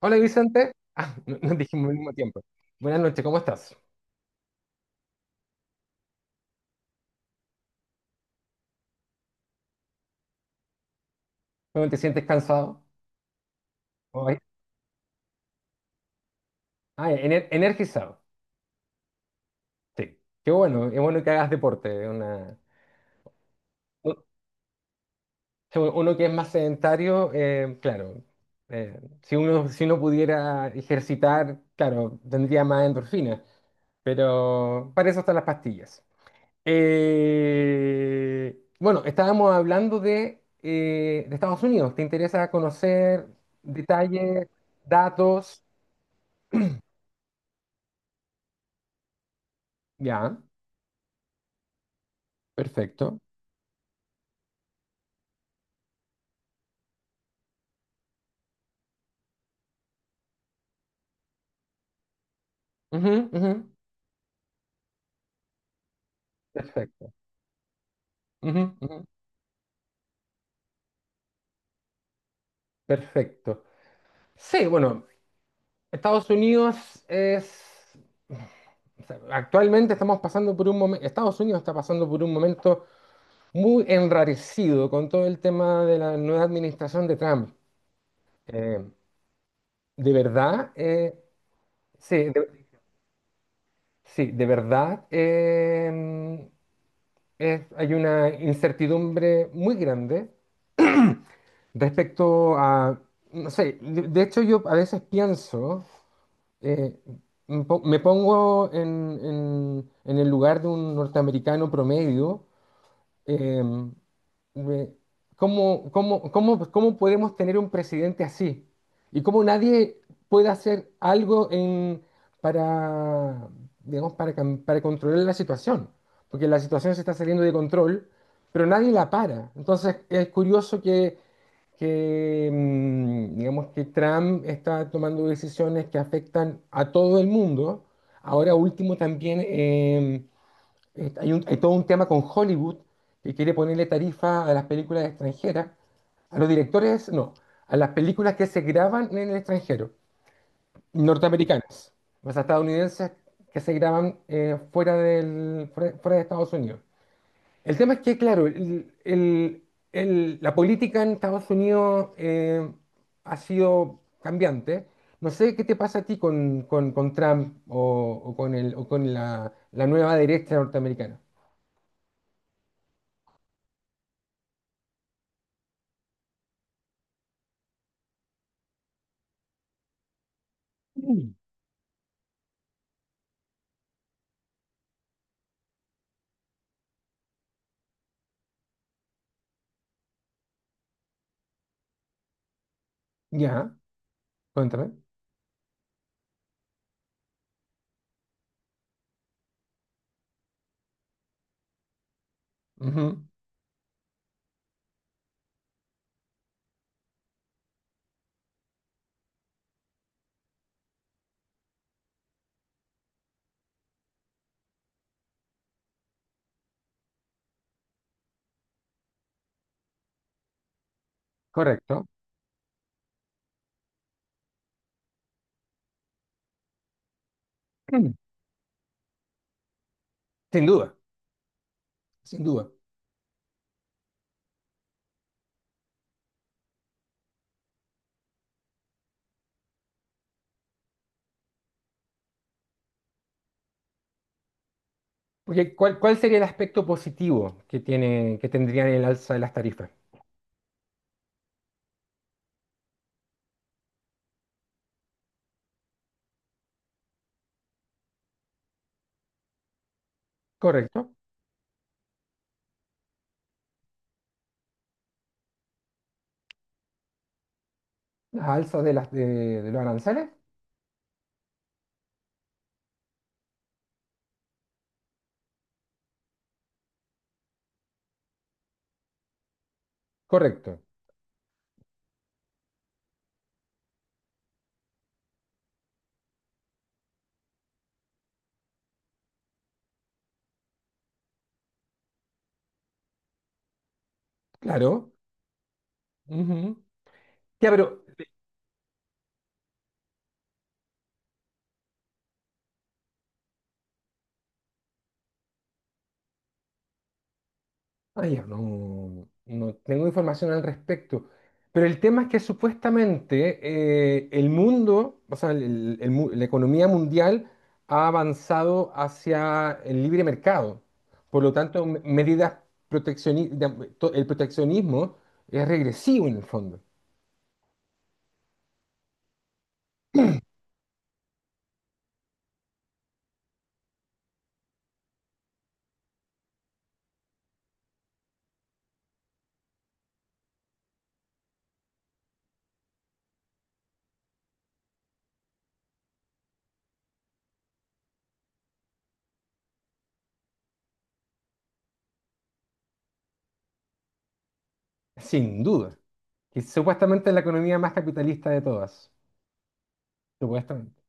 Hola Vicente. Nos dijimos al mismo tiempo. Buenas noches, ¿cómo estás? ¿Cómo te sientes cansado? Ay, Energizado. Sí, qué bueno, es bueno que hagas deporte. Uno que es más sedentario, claro, si uno pudiera ejercitar, claro, tendría más endorfinas, pero para eso están las pastillas. Bueno, estábamos hablando de Estados Unidos. ¿Te interesa conocer detalles, datos? Ya, perfecto. Ujú, ujú. Perfecto. Ujú, ujú. Perfecto. Sí, bueno, Estados Unidos es... O sea, actualmente estamos pasando por un momento, Estados Unidos está pasando por un momento muy enrarecido con todo el tema de la nueva administración de Trump. Eh, de verdad, sí, de, Sí, de verdad, em, hay una incertidumbre muy grande respecto a, no sé, de hecho yo a veces pienso, eh, me pongo en el lugar de un norteamericano promedio. em, me- cómo podemos tener un presidente así? Y cómo nadie puede hacer algo para, digamos, para controlar la situación, porque la situación se está saliendo de control, pero nadie la para. Entonces es curioso que digamos, que Trump está tomando decisiones que afectan a todo el mundo. Ahora último también, hay todo un tema con Hollywood que quiere ponerle tarifa a las películas extranjeras, a los directores, no, a las películas que se graban en el extranjero, norteamericanas, o sea, estadounidenses que se graban fuera fuera de Estados Unidos. El tema es que, claro, la política en Estados Unidos ha sido cambiante. No sé qué te pasa a ti con Trump, o con el, o con la nueva derecha norteamericana. Ya, cuéntame. Ujú. Correcto. Mm. Sin duda, sin duda. Porque cuál sería el aspecto positivo que tiene, que tendrían el alza de las tarifas? Correcto. Las alzas de las de los aranceles. Correcto. Claro. Ujú. Ya, pero... Ay, yo no, no tengo información al respecto. Pero el tema es que supuestamente el mundo, o sea, la economía mundial ha avanzado hacia el libre mercado. Por lo tanto, medidas proteccionistas, el proteccionismo es regresivo en el fondo, sin duda. Que supuestamente es la economía más capitalista de todas, supuestamente.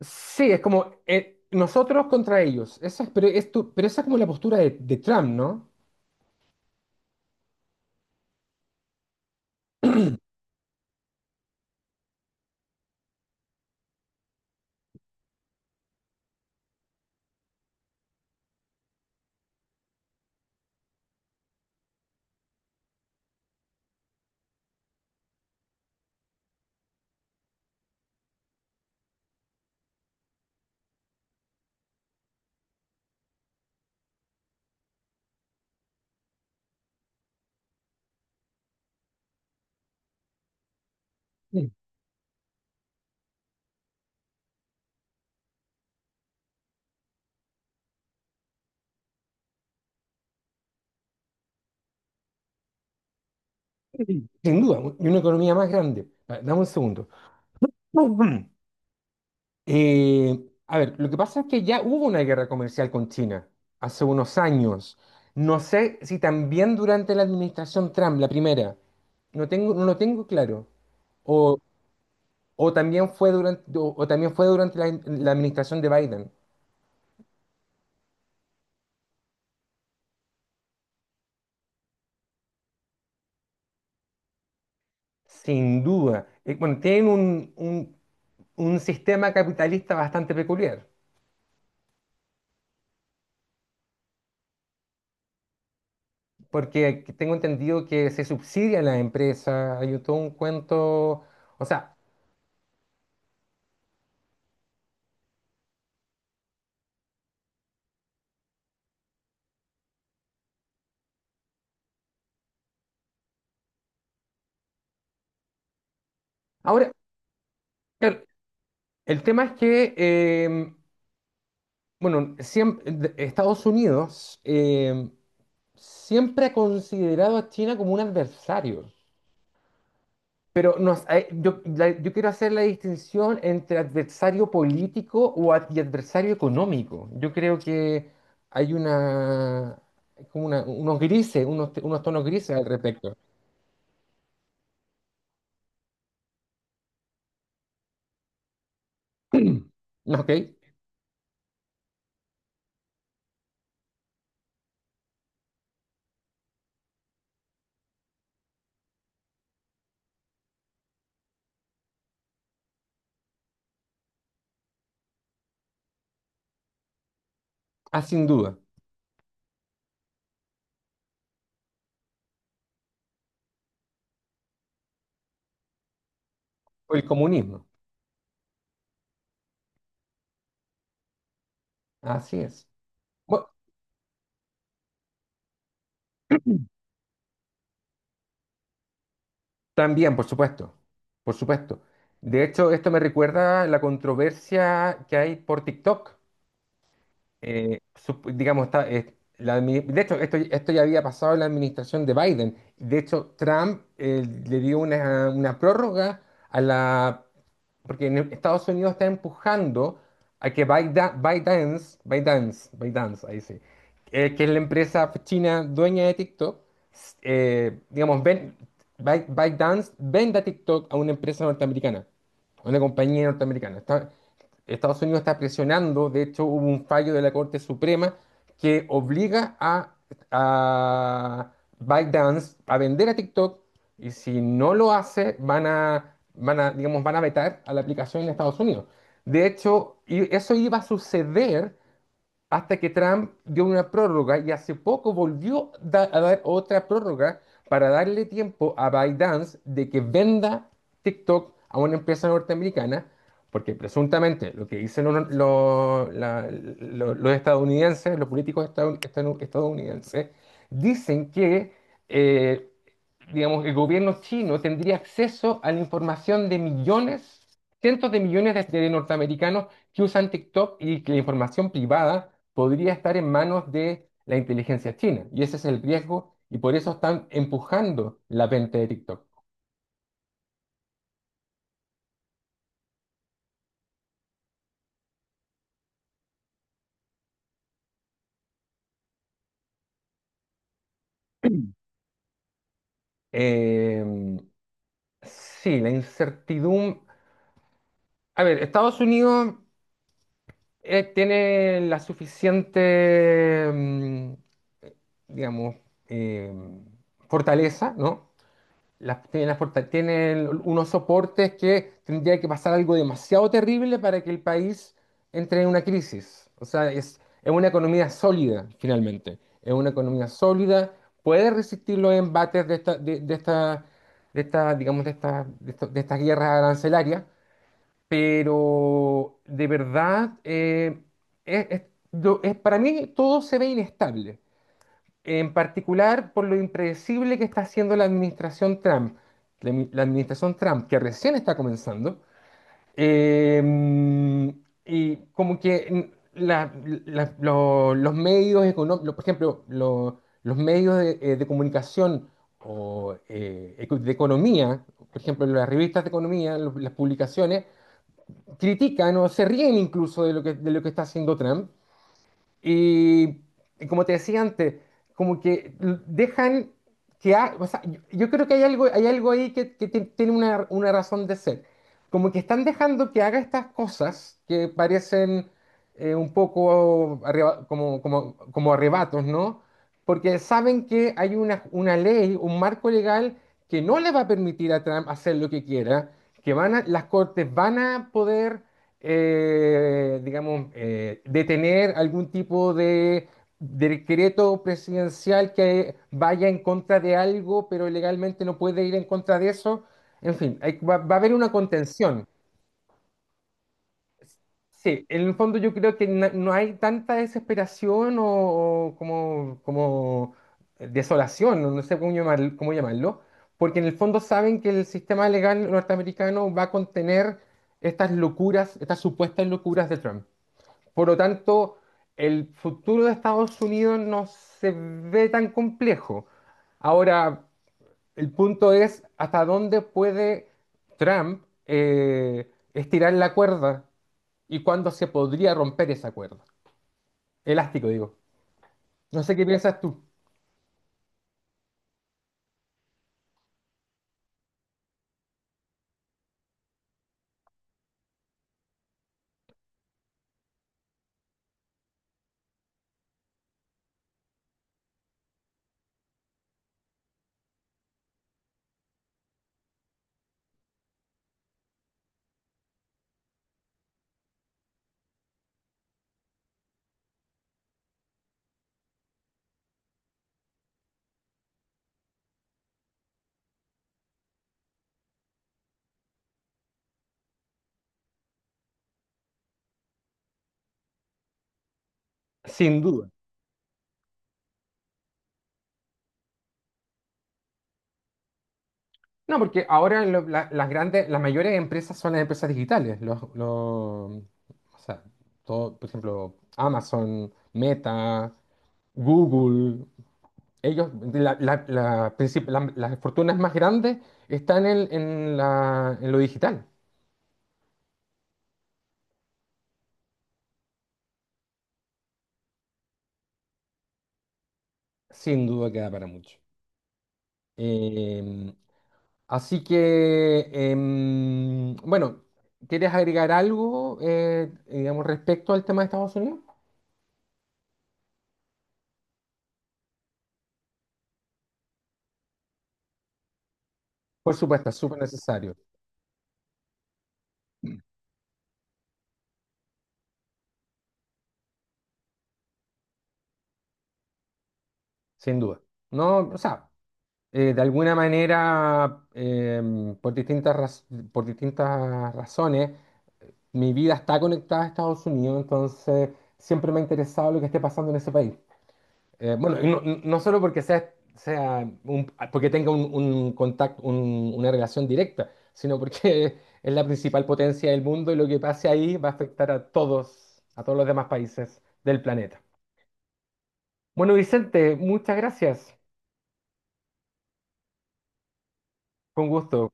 Sí, es como nosotros contra ellos. Esa es, pero, pero esa es como la postura de Trump, ¿no? Sí, sin duda, y una economía más grande. A ver, dame un segundo. Ujú. A ver, lo que pasa es que ya hubo una guerra comercial con China hace unos años. No sé si también durante la administración Trump, la primera. No tengo, no lo tengo claro. O, o también fue durante la, la administración de Biden. Sin duda. Bueno, tienen un sistema capitalista bastante peculiar. Porque tengo entendido que se subsidia la empresa, hay todo un cuento. O sea, ahora, claro, el tema es que, bueno, Estados Unidos siempre ha considerado a China como un adversario. Yo, yo quiero hacer la distinción entre adversario político y adversario económico. Yo creo que hay una, como unos grises, unos, unos tonos grises al respecto. ¿No? ¿Ok? Ah, sin duda, por el comunismo. Así es. Bueno, también, por supuesto, por supuesto. De hecho, esto me recuerda la controversia que hay por TikTok. Digamos, está, de hecho, esto ya había pasado en la administración de Biden. De hecho, Trump le dio una prórroga a la... Porque en Estados Unidos está empujando a que ByteDance, ahí sí, que es la empresa china dueña de TikTok, digamos, ByteDance venda TikTok a una empresa norteamericana, a una compañía norteamericana. Estados Unidos está presionando, de hecho hubo un fallo de la Corte Suprema que obliga a ByteDance a vender a TikTok, y si no lo hace, digamos, van a vetar a la aplicación en Estados Unidos. De hecho, y eso iba a suceder hasta que Trump dio una prórroga y hace poco volvió a dar otra prórroga para darle tiempo a ByteDance de que venda TikTok a una empresa norteamericana, porque presuntamente lo que dicen los estadounidenses, los políticos estadounidenses, dicen que eh, digamos, el gobierno chino tendría acceso a la información de millones, cientos de millones de norteamericanos que usan TikTok, y que la información privada podría estar en manos de la inteligencia china. Y ese es el riesgo y por eso están empujando la venta de TikTok. Eh, sí, la incertidumbre. A ver, Estados Unidos tiene la suficiente, digamos, eh, fortaleza, ¿no? Las, tiene, las porta- Tiene unos soportes que tendría que pasar algo demasiado terrible para que el país entre en una crisis. O sea, es una economía sólida, finalmente. Es una economía sólida, puede resistir los embates de esta, de esta, de esta, digamos, de estas guerras arancelarias, pero de verdad, es, es- para mí todo se ve inestable. En particular por lo impredecible que está haciendo la administración Trump, la administración Trump que recién está comenzando, eh, y como que mm, la- la- lo- los medios económicos, por ejemplo, los medios de comunicación, o de economía, por ejemplo, las revistas de economía, las publicaciones, critican o se ríen incluso de lo que está haciendo Trump. Y, y como te decía antes, como que dejan que... O sea, yo creo que hay algo ahí que tiene una razón de ser. Como que están dejando que haga estas cosas que parecen un poco como arrebatos, ¿no? Porque saben que hay una ley, un marco legal que no le va a permitir a Trump hacer lo que quiera, que las cortes van a poder digamos, detener algún tipo de decreto presidencial que vaya en contra de algo, pero legalmente no puede ir en contra de eso. En fin, va a haber una contención. Sí, en el fondo yo creo que no hay tanta desesperación, o como, como desolación, no no sé cómo llamarlo, porque en el fondo saben que el sistema legal norteamericano va a contener estas locuras, estas supuestas locuras de Trump. Por lo tanto, el futuro de Estados Unidos no se ve tan complejo. Ahora, el punto es hasta dónde puede Trump estirar la cuerda y cuándo se podría romper esa cuerda. Elástico, digo. No sé qué piensas tú. Sin duda. No, porque ahora las grandes, las mayores empresas son las empresas digitales. O sea, todo, por ejemplo, Amazon, Meta, Google. Ellos, las fortunas más grandes están en, en lo digital. Sin duda queda para mucho. Em, Así que, bueno, ¿quieres agregar algo, digamos, respecto al tema de Estados Unidos? Por supuesto, es súper necesario, sin duda. No, o sea, de alguna manera, por por distintas razones, mi vida está conectada a Estados Unidos, entonces siempre me ha interesado lo que esté pasando en ese país. Bueno, y no, no no solo porque sea, porque tenga un contacto, una relación directa, sino porque es la principal potencia del mundo y lo que pase ahí va a afectar a todos los demás países del planeta. Bueno, Vicente, muchas gracias. Con gusto.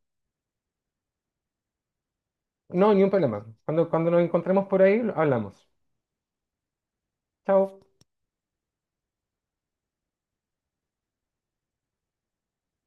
No, ni un problema. Cuando nos encontremos por ahí, hablamos. Chao.